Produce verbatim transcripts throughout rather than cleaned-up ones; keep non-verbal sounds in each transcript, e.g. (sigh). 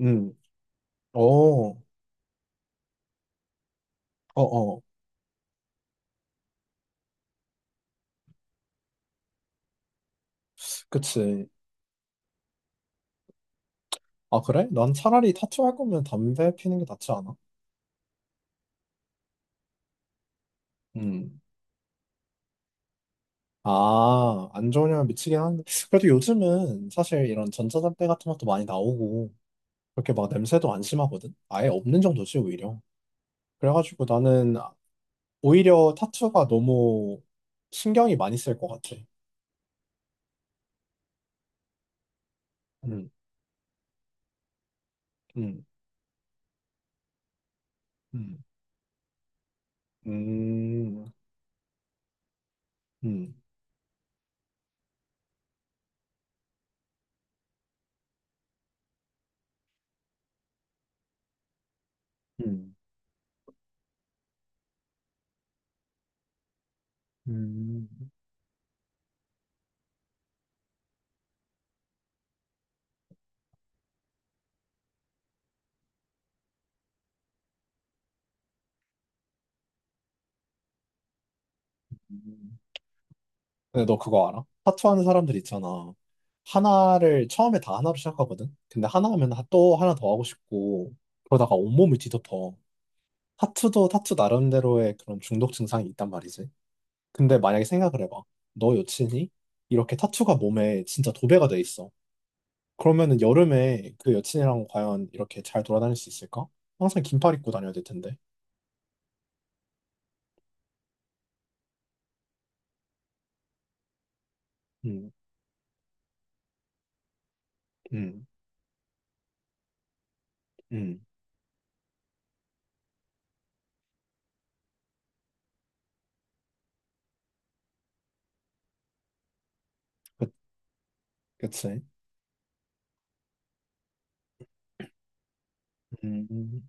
음. 어. 어. 어. 그치. 아, 그래? 난 차라리 타투 할 거면 담배 피는 게 낫지 않아? 음. 아, 안 좋은 영향 미치긴 하는데. 그래도 요즘은 사실 이런 전자담배 같은 것도 많이 나오고, 그렇게 막 냄새도 안 심하거든? 아예 없는 정도지, 오히려. 그래가지고 나는 오히려 타투가 너무 신경이 많이 쓸 것 같아. 음. 음. 음. 음. 음. 음. 음. 근데 너 그거 알아? 타투 하는 사람들 있잖아. 하나를 처음에 다 하나로 시작하거든. 근데 하나 하면 하- 또 하나 더 하고 싶고 그러다가 온몸을 뒤덮어. 타투도 타투 나름대로의 그런 중독 증상이 있단 말이지. 근데 만약에 생각을 해봐. 너 여친이 이렇게 타투가 몸에 진짜 도배가 돼 있어. 그러면은 여름에 그 여친이랑 과연 이렇게 잘 돌아다닐 수 있을까? 항상 긴팔 입고 다녀야 될 텐데. 음. 음. 음. 그, 그치. 음. 음.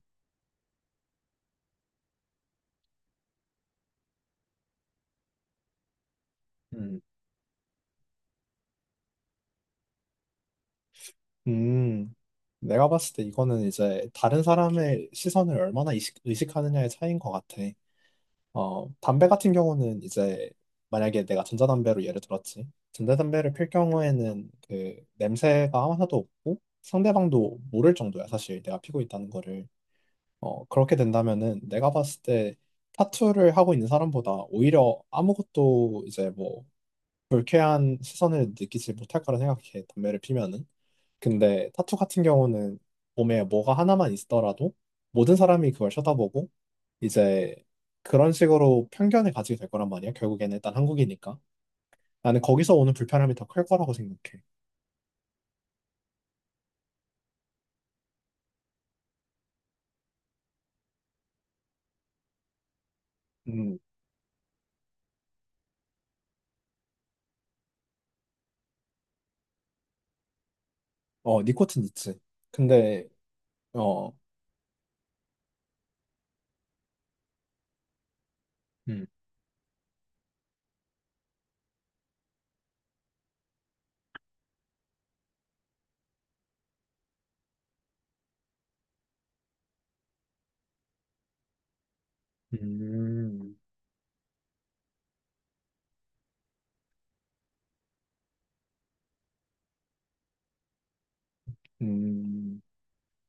음. 음, 내가 봤을 때 이거는 이제 다른 사람의 시선을 얼마나 의식, 의식하느냐의 차이인 것 같아. 어, 담배 같은 경우는 이제 만약에 내가 전자담배로 예를 들었지. 전자담배를 필 경우에는 그 냄새가 하나도 없고 상대방도 모를 정도야, 사실 내가 피고 있다는 거를. 어, 그렇게 된다면은 내가 봤을 때 타투를 하고 있는 사람보다 오히려 아무것도 이제 뭐 불쾌한 시선을 느끼지 못할 거라 생각해, 담배를 피면은. 근데 타투 같은 경우는 몸에 뭐가 하나만 있더라도 모든 사람이 그걸 쳐다보고 이제 그런 식으로 편견을 가지게 될 거란 말이야. 결국에는 일단 한국이니까. 나는 거기서 오는 불편함이 더 클 거라고 생각해. 음. 어, 니코틴 있지. 근데. 어. 음. 음. 음.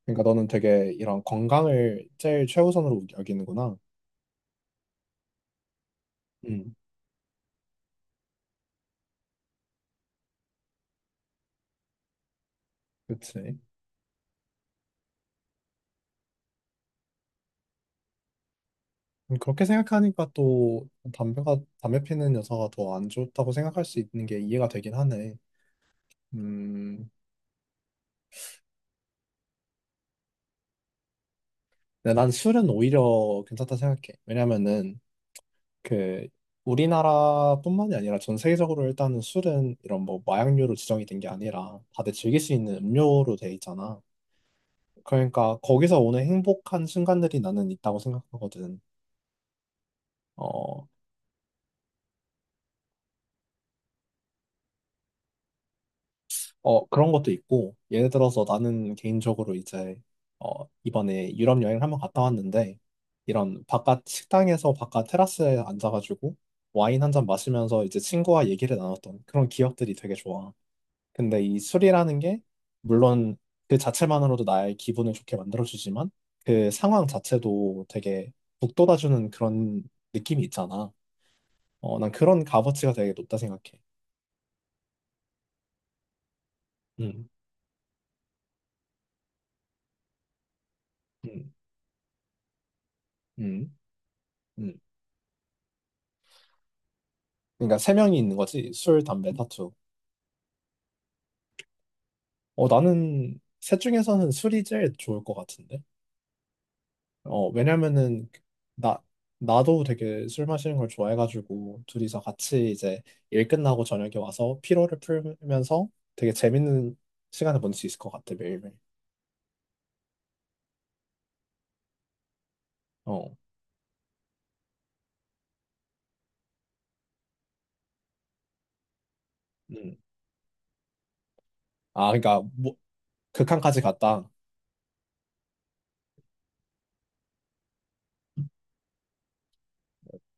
그러니까 너는 되게 이런 건강을 제일 최우선으로 여기는구나. 음, 그치. 음, 그렇게 생각하니까 또 담배가 담배 피는 여자가 더 안 좋다고 생각할 수 있는 게 이해가 되긴 하네. 음, 근데 난 술은 오히려 괜찮다 생각해. 왜냐면은 그 우리나라뿐만이 아니라 전 세계적으로 일단은 술은 이런 뭐 마약류로 지정이 된 게 아니라 다들 즐길 수 있는 음료로 돼 있잖아. 그러니까 거기서 오는 행복한 순간들이 나는 있다고 생각하거든. 어, 어, 그런 것도 있고, 예를 들어서 나는 개인적으로 이제, 어, 이번에 유럽 여행을 한번 갔다 왔는데, 이런 바깥 식당에서 바깥 테라스에 앉아가지고 와인 한 잔 마시면서 이제 친구와 얘기를 나눴던 그런 기억들이 되게 좋아. 근데 이 술이라는 게, 물론 그 자체만으로도 나의 기분을 좋게 만들어주지만, 그 상황 자체도 되게 북돋아주는 그런 느낌이 있잖아. 어, 난 그런 값어치가 되게 높다 생각해. 음. 음. 음. 음. 그러니까 세 명이 있는 거지. 술, 담배, 타투. 어, 나는 셋 중에서는 술이 제일 좋을 것 같은데. 어, 왜냐면은 나 나도 되게 술 마시는 걸 좋아해가지고 둘이서 같이 이제 일 끝나고 저녁에 와서 피로를 풀면서 되게 재밌는 시간을 보낼 수 있을 것 같아 매일매일. 어. 음. 아, 그러니까 뭐, 극한까지 갔다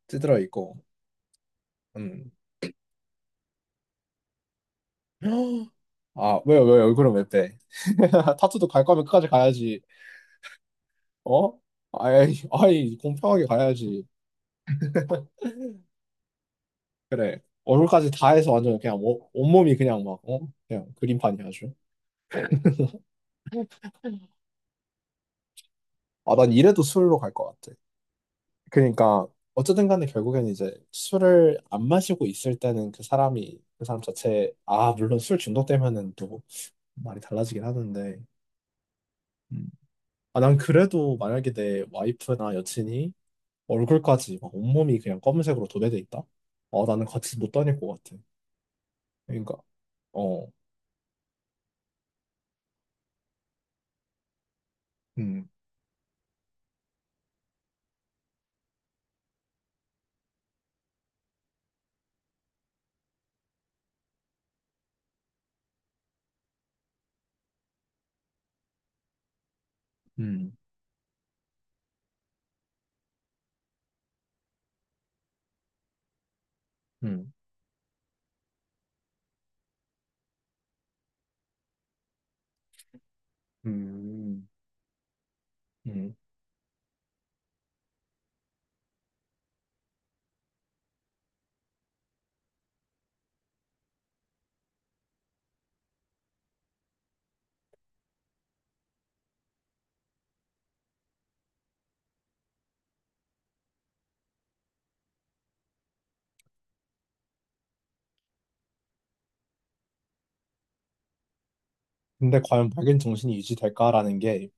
찌들어 있고. 음. (gasps) 아, 왜요, 왜요? 얼굴은 왜 빼? (laughs) 타투도 갈 거면 끝까지 가야지. 어? 아이, 아이, 공평하게 가야지. 그래. 얼굴까지 다 해서 완전 그냥 온- 온몸이 그냥 막, 어? 그냥 그림판이 아주. 아, 난 이래도 술로 갈 것 같아. 그러니까, 어쨌든 간에 결국엔 이제 술을 안 마시고 있을 때는 그 사람이, 그 사람 자체, 아, 물론 술 중독되면은 또 말이 달라지긴 하는데. 음. 아, 난 그래도 만약에 내 와이프나 여친이 얼굴까지 막 온몸이 그냥 검은색으로 도배돼 있다? 어, 나는 같이 못 다닐 것 같아. 그러니까, 어. 음. 음. 음. 음. 음. 근데 과연 밝은 정신이 유지될까라는 게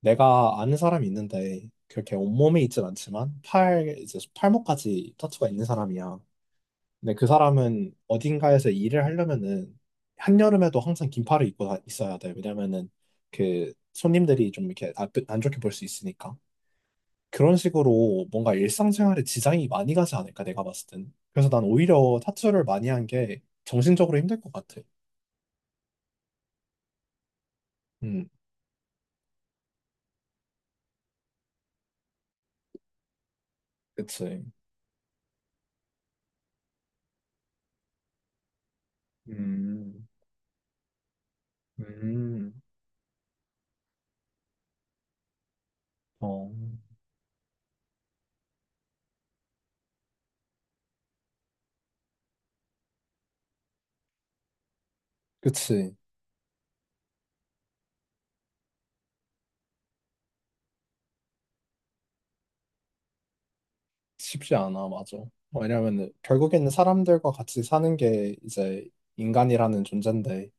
내가 아는 사람이 있는데 그렇게 온몸에 있진 않지만 팔, 이제 팔목까지 타투가 있는 사람이야. 근데 그 사람은 어딘가에서 일을 하려면은 한여름에도 항상 긴팔을 입고 다- 있어야 돼. 왜냐면은 그 손님들이 좀 이렇게 아- 안 좋게 볼 수 있으니까. 그런 식으로 뭔가 일상생활에 지장이 많이 가지 않을까 내가 봤을 땐. 그래서 난 오히려 타투를 많이 한 게 정신적으로 힘들 것 같아. 음. 그치. 음. 음. 어, 그치. 쉽지 않아, 맞아. 왜냐면 결국에는 사람들과 같이 사는 게 이제 인간이라는 존재인데,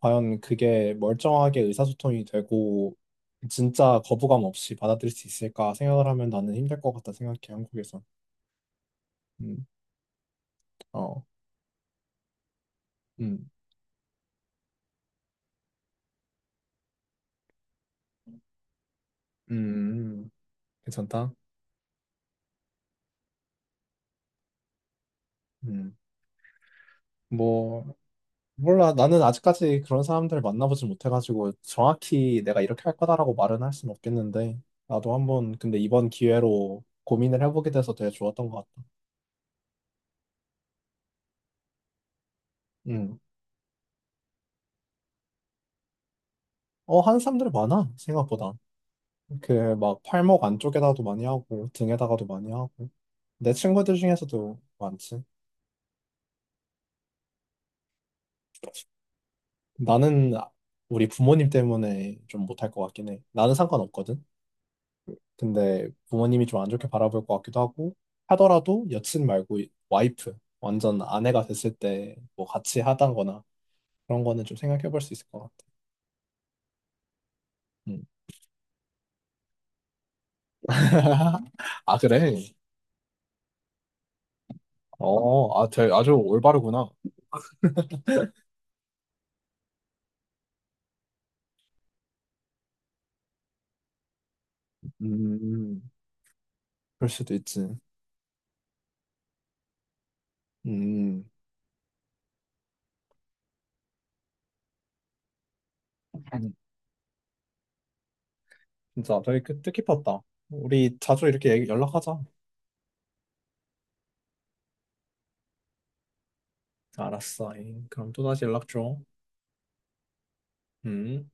과연 그게 멀쩡하게 의사소통이 되고, 진짜 거부감 없이 받아들일 수 있을까 생각을 하면 나는 힘들 것 같다 생각해, 한국에서. 음. 어. 음. 음, 괜찮다. 음, 뭐, 몰라, 나는 아직까지 그런 사람들을 만나보지 못해가지고 정확히 내가 이렇게 할 거다라고 말은 할 수는 없겠는데 나도 한번 근데 이번 기회로 고민을 해보게 돼서 되게 좋았던 것 같다. 음. 어, 하는 사람들 많아, 생각보다. 그 막 팔목 안쪽에다도 많이 하고 등에다가도 많이 하고 내 친구들 중에서도 많지. 나는 우리 부모님 때문에 좀 못할 것 같긴 해. 나는 상관없거든. 근데 부모님이 좀 안 좋게 바라볼 것 같기도 하고 하더라도 여친 말고 와이프 완전 아내가 됐을 때 뭐 같이 하다거나 그런 거는 좀 생각해 볼 수 있을 것 같아. 음. (laughs) 아 그래? 어, 아, 되 아주 올바르구나. 음, 그럴 수도 있지. 음. 음. 진짜 되게 뜻- 뜻깊었다. 우리 자주 이렇게 얘기- 연락하자. 알았어. 에이, 그럼 또 다시 연락 줘. 음.